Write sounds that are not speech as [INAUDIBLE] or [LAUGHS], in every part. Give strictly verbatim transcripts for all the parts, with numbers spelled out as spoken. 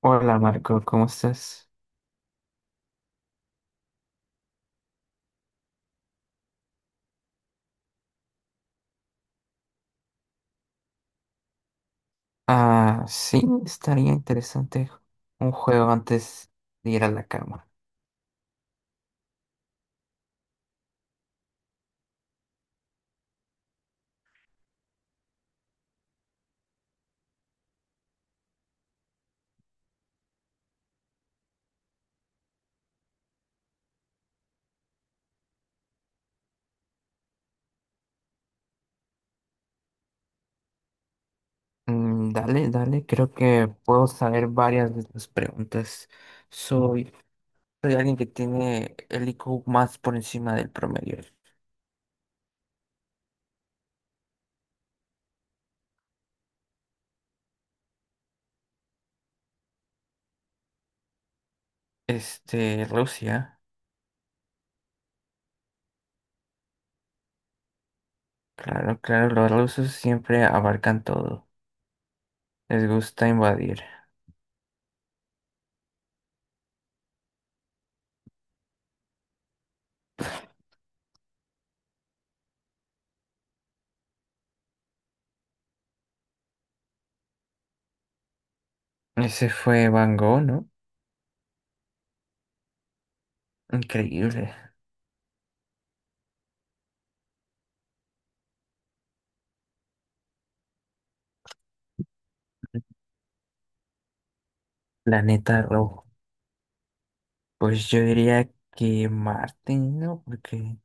Hola Marco, ¿cómo estás? Ah, sí, estaría interesante un juego antes de ir a la cama. Mm, dale, dale, creo que puedo saber varias de tus preguntas. Soy, soy alguien que tiene el I Q más por encima del promedio. Este, Rusia, claro, claro, los rusos siempre abarcan todo. Les gusta invadir. Ese fue Van Gogh, ¿no? Increíble. Planeta rojo. Pues yo diría que Marte, ¿no? Porque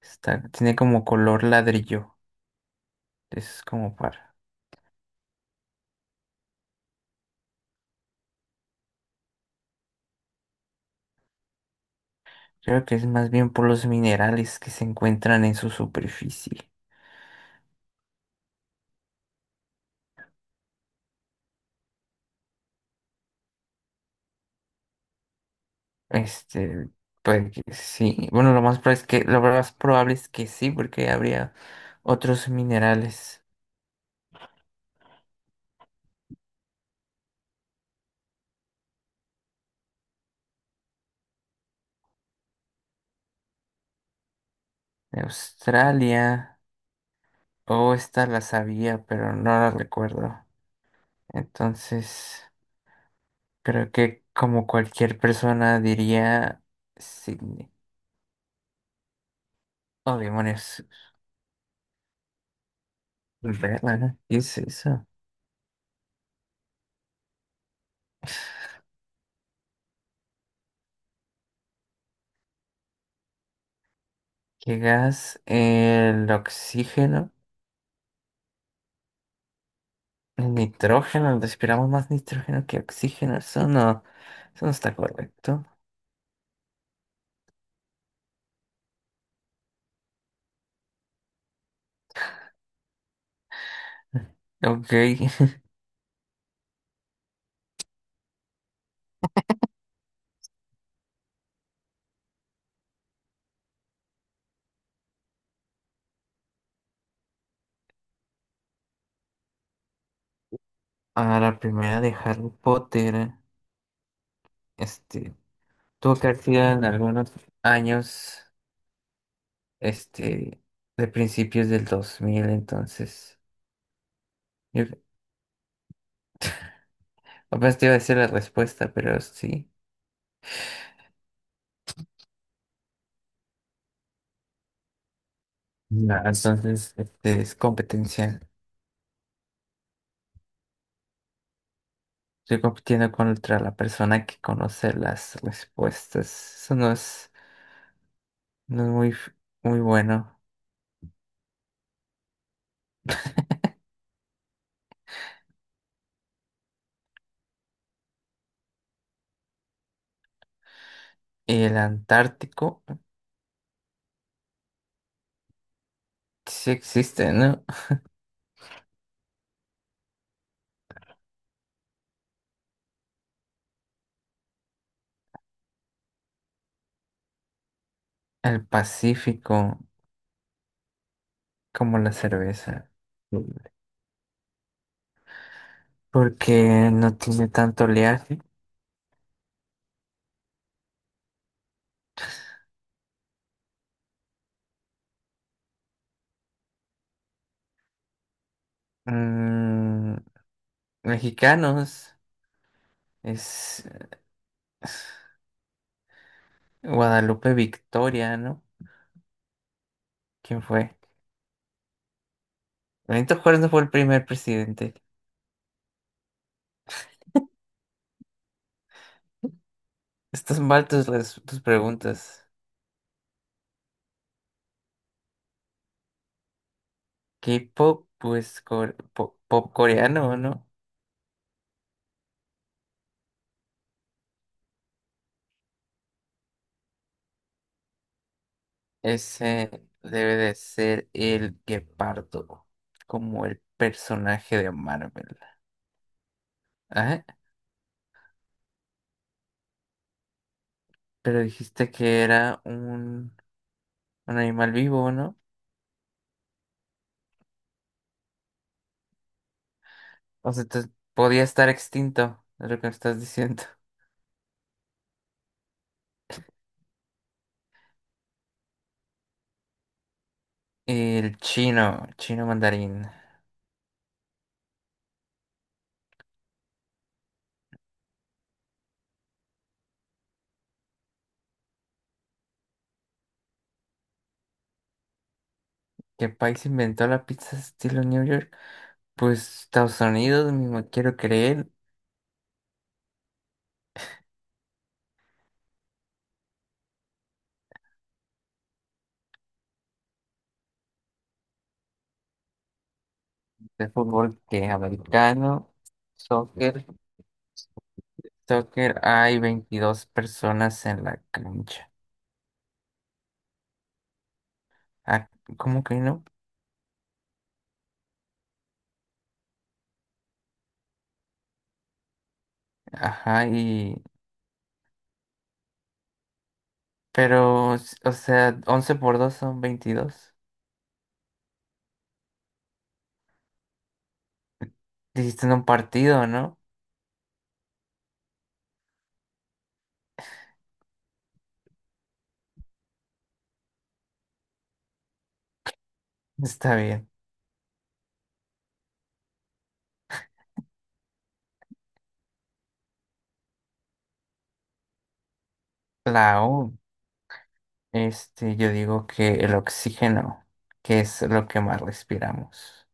está, tiene como color ladrillo. Es como para. Creo que es más bien por los minerales que se encuentran en su superficie. Este, pues que sí. Bueno, lo más probable es que, lo más probable es que sí, porque habría otros minerales de Australia. O esta la sabía, pero no la recuerdo. Entonces, creo que como cualquier persona diría Sydney. Oh, demonios. Verga, ¿no? ¿Qué es eso? ¿Qué gas? El oxígeno. El nitrógeno. Respiramos más nitrógeno que oxígeno. Eso no. Eso no está correcto. Ok. [LAUGHS] A la primera de Harry Potter. Este. Tuvo que haber en algunos años. Este. De principios del dos mil. Entonces, yo apenas te iba a decir la respuesta, pero sí. Ya, entonces, este es competencia. Estoy compitiendo contra la persona que conoce las respuestas. Eso no es, no es muy, f- muy bueno. Y el Antártico sí existe, ¿no? El Pacífico, como la cerveza. Porque no tiene tanto oleaje. Mm, Mexicanos es Guadalupe Victoria, ¿no? ¿Quién fue? Benito Juárez no fue el primer presidente. Estas mal tus, res- tus preguntas. K-pop, pues core- po- pop, coreano, ¿no? Ese debe de ser el guepardo, como el personaje de Marvel. Ajá, pero dijiste que era un, un animal vivo, ¿no? O sea, entonces podía estar extinto, es lo que me estás diciendo. [LAUGHS] El chino, chino mandarín. ¿Qué país inventó la pizza estilo New York? Pues Estados Unidos, mismo quiero creer. De fútbol que americano, soccer. Soccer hay veintidós personas en la cancha. Ah, ¿cómo que no? Ajá, y... Pero, s- o sea, once por dos son veintidós. Dijiste en un partido, ¿no? Está bien. La O, este, yo digo que el oxígeno, que es lo que más respiramos.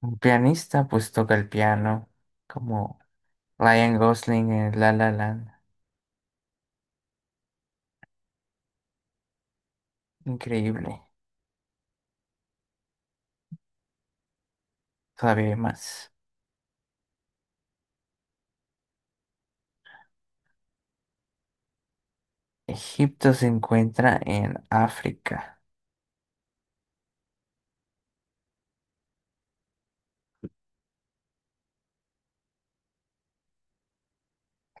Un pianista, pues toca el piano, como Ryan Gosling en La La Land. Increíble. Todavía hay más. Egipto se encuentra en África.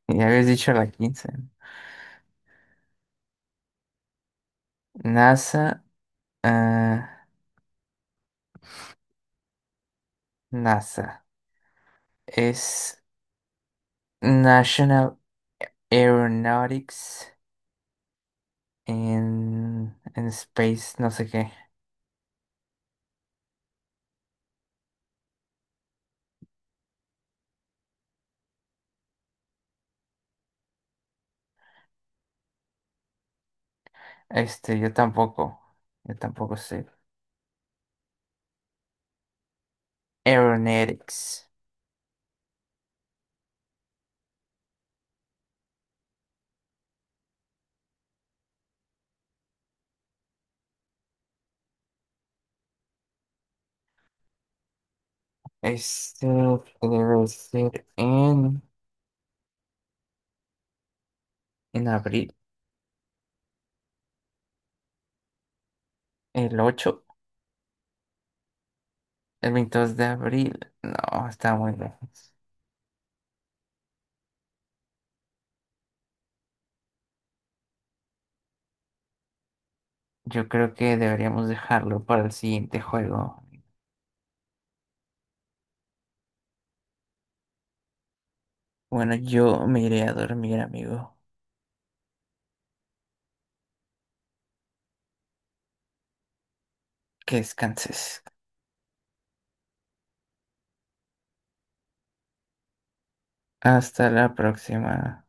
Ya habías dicho la quince. NASA, ah, NASA. Es National Aeronautics en, en Space, no sé qué. Este, yo tampoco. Yo tampoco sé. Aeronautics. Este debe ser en, en abril. El ocho, el veintidós de abril. No, está muy lejos. Yo creo que deberíamos dejarlo para el siguiente juego. Bueno, yo me iré a dormir, amigo. Que descanses. Hasta la próxima.